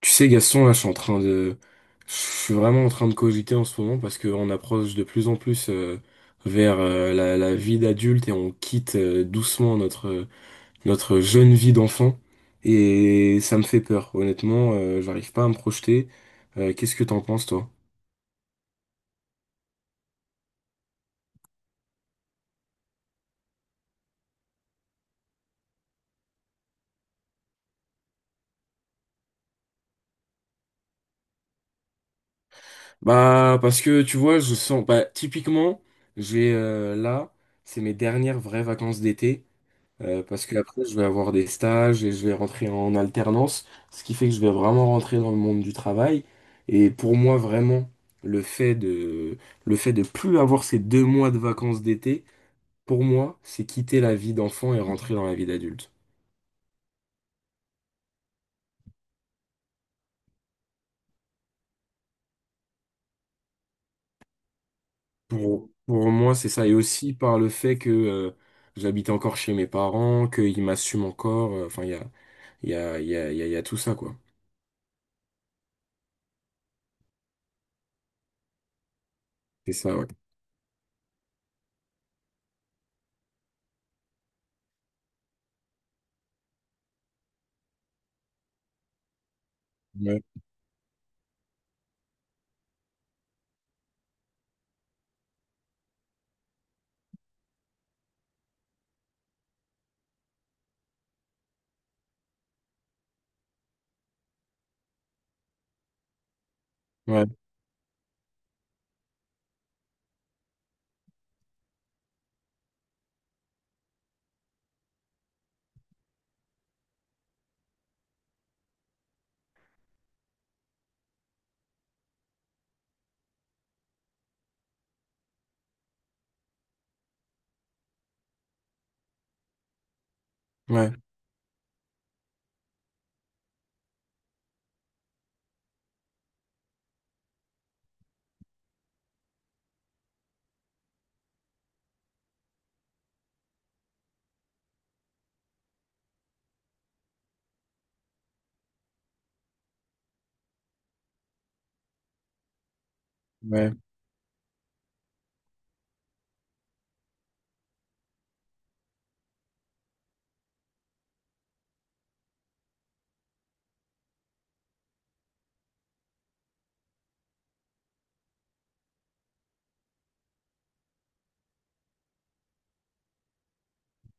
Tu sais, Gaston, là, je suis en train de, je suis vraiment en train de cogiter en ce moment parce qu'on approche de plus en plus vers la vie d'adulte et on quitte doucement notre notre jeune vie d'enfant et ça me fait peur. Honnêtement, j'arrive pas à me projeter. Qu'est-ce que t'en penses, toi? Bah, parce que tu vois, je sens, bah, typiquement, j'ai euh, là, c'est mes dernières vraies vacances d'été. Parce que après je vais avoir des stages et je vais rentrer en alternance, ce qui fait que je vais vraiment rentrer dans le monde du travail. Et pour moi, vraiment, le fait de, le fait de plus avoir ces deux mois de vacances d'été, pour moi, c'est quitter la vie d'enfant et rentrer dans la vie d'adulte. Pour moi, c'est ça. Et aussi par le fait que j'habite encore chez mes parents, qu'ils m'assument encore. Enfin, il y a, il y a, il y a, il y a il y a tout ça, quoi. C'est ça, ouais. Ouais, ouais, ouais, ouais.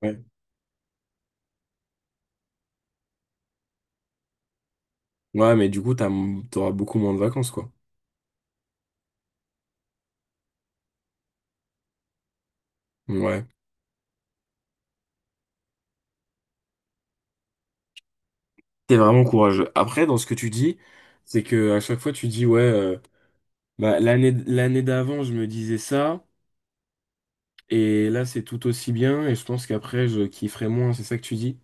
Ouais. Ouais, mais du coup, t'auras beaucoup moins de vacances, quoi. Ouais. T'es vraiment courageux. Après, dans ce que tu dis, c'est que à chaque fois, tu dis, ouais, bah, l'année d'avant, je me disais ça, et là, c'est tout aussi bien, et je pense qu'après, je kifferai moins, c'est ça que tu dis?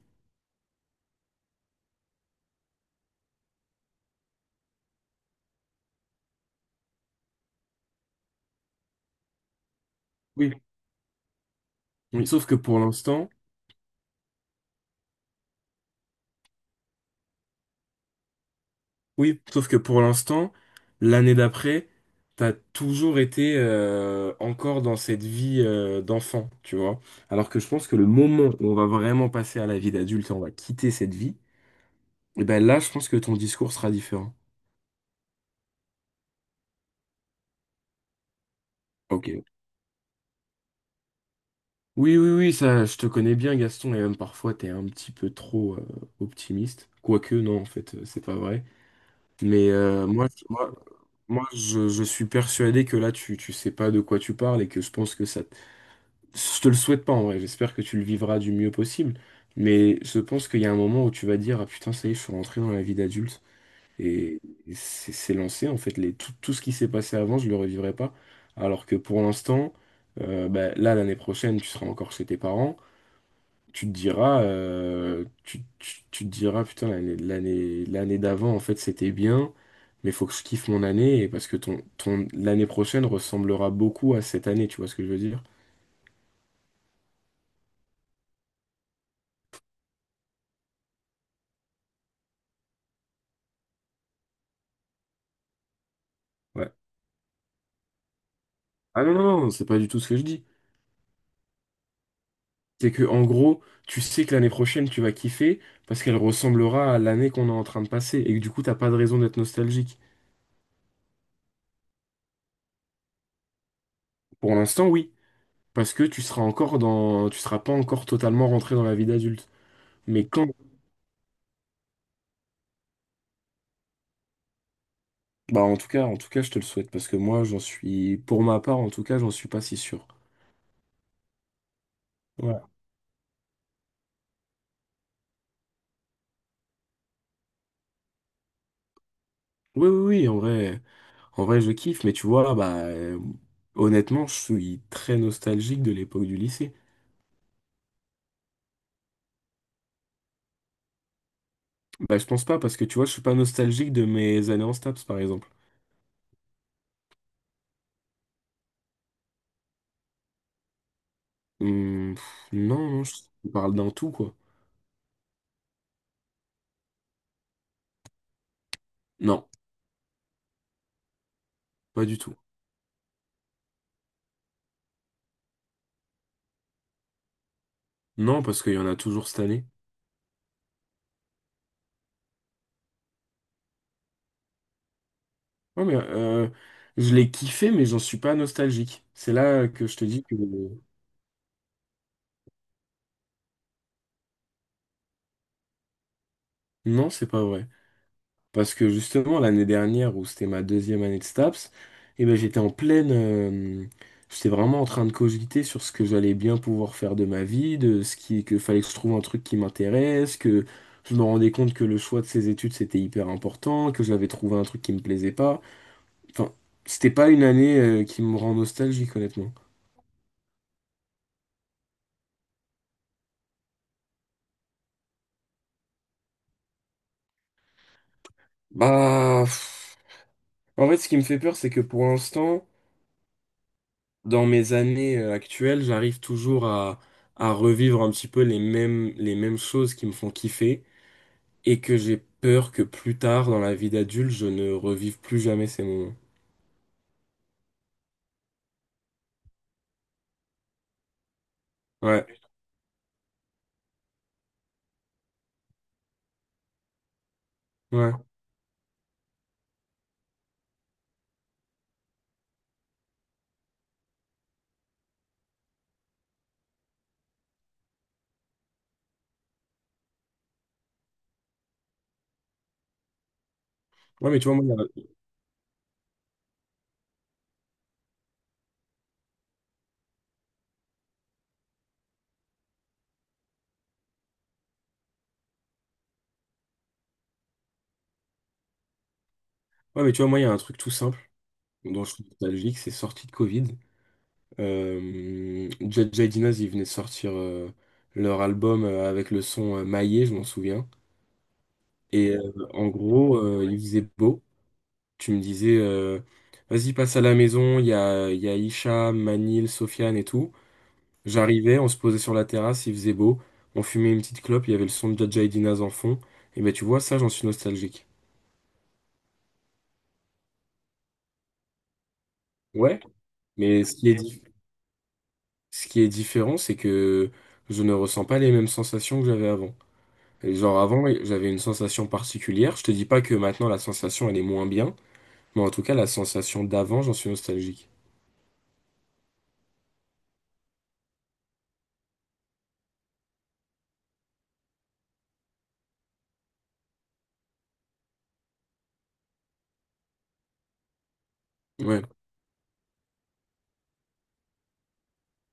Oui. Oui. Sauf que pour l'instant, oui, sauf que pour l'instant, l'année d'après, t'as toujours été encore dans cette vie d'enfant, tu vois. Alors que je pense que le moment où on va vraiment passer à la vie d'adulte, et on va quitter cette vie, et ben là, je pense que ton discours sera différent. Ok. Oui, oui, oui, ça, je te connais bien, Gaston, et même parfois, t'es un petit peu trop optimiste. Quoique, non, en fait, c'est pas vrai. Moi, je suis persuadé que là, tu sais pas de quoi tu parles et que je pense que je te le souhaite pas, en vrai. J'espère que tu le vivras du mieux possible. Mais je pense qu'il y a un moment où tu vas dire, ah putain, ça y est, je suis rentré dans la vie d'adulte. Et c'est lancé, en fait, tout, tout ce qui s'est passé avant, je le revivrai pas. Alors que pour l'instant, bah, là, l'année prochaine, tu seras encore chez tes parents. Tu te diras, tu te diras, putain, l'année d'avant, en fait, c'était bien, mais faut que je kiffe mon année, et parce que l'année prochaine ressemblera beaucoup à cette année, tu vois ce que je veux dire? Ouais. Ah non, non, non, c'est pas du tout ce que je dis. C'est que en gros, tu sais que l'année prochaine, tu vas kiffer parce qu'elle ressemblera à l'année qu'on est en train de passer et que du coup, t'as pas de raison d'être nostalgique. Pour l'instant, oui, parce que tu seras encore dans, tu seras pas encore totalement rentré dans la vie d'adulte. Mais quand, bah en tout cas, je te le souhaite parce que moi, j'en suis, pour ma part, en tout cas, j'en suis pas si sûr. Ouais. Oui, oui, oui, en vrai, je kiffe, mais tu vois, honnêtement, je suis très nostalgique de l'époque du lycée. Bah je pense pas parce que tu vois, je suis pas nostalgique de mes années en STAPS, par exemple. Pff, non, non, je parle d'un tout, quoi. Non, pas du tout. Non, parce qu'il y en a toujours cette année. Ouais, je l'ai kiffé, mais j'en suis pas nostalgique. C'est là que je te dis que non, c'est pas vrai. Parce que justement, l'année dernière, où c'était ma deuxième année de STAPS, eh ben, j'étais en pleine. J'étais vraiment en train de cogiter sur ce que j'allais bien pouvoir faire de ma vie, de ce que fallait que je trouve un truc qui m'intéresse, que je me rendais compte que le choix de ces études, c'était hyper important, que j'avais trouvé un truc qui me plaisait pas. Enfin, c'était pas une année qui me rend nostalgique, honnêtement. Bah, pff, en fait, ce qui me fait peur, c'est que pour l'instant, dans mes années actuelles, à revivre un petit peu les mêmes choses qui me font kiffer et que j'ai peur que plus tard, dans la vie d'adulte, je ne revive plus jamais ces moments. Ouais, ouais. Ouais, mais tu vois, moi, il y a- Ouais, mais tu vois, moi, il y a un truc tout simple dont je suis nostalgique, c'est sortie de Covid. Jadja et Dinaz, ils venaient de sortir leur album avec le son Maillé, je m'en souviens. Et en gros, il faisait beau. Tu me disais, vas-y, passe à la maison, il y a Isha, Manil, Sofiane et tout. J'arrivais, on se posait sur la terrasse, il faisait beau. On fumait une petite clope, il y avait le son de Jadja et Dinaz en fond. Et ben tu vois, ça, j'en suis nostalgique. Ouais, mais ce qui est, dif- Ce qui est différent, c'est que je ne ressens pas les mêmes sensations que j'avais avant. Et genre avant, j'avais une sensation particulière. Je te dis pas que maintenant la sensation elle est moins bien, mais en tout cas la sensation d'avant, j'en suis nostalgique. Ouais.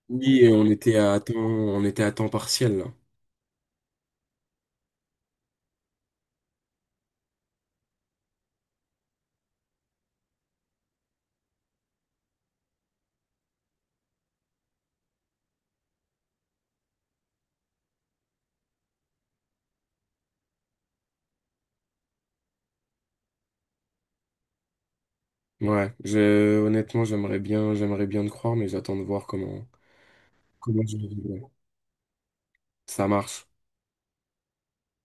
Oui, on était à temps partiel là. Ouais. Je, honnêtement, j'aimerais bien te croire, mais j'attends de voir comment, comment je vais vivre. Ça marche.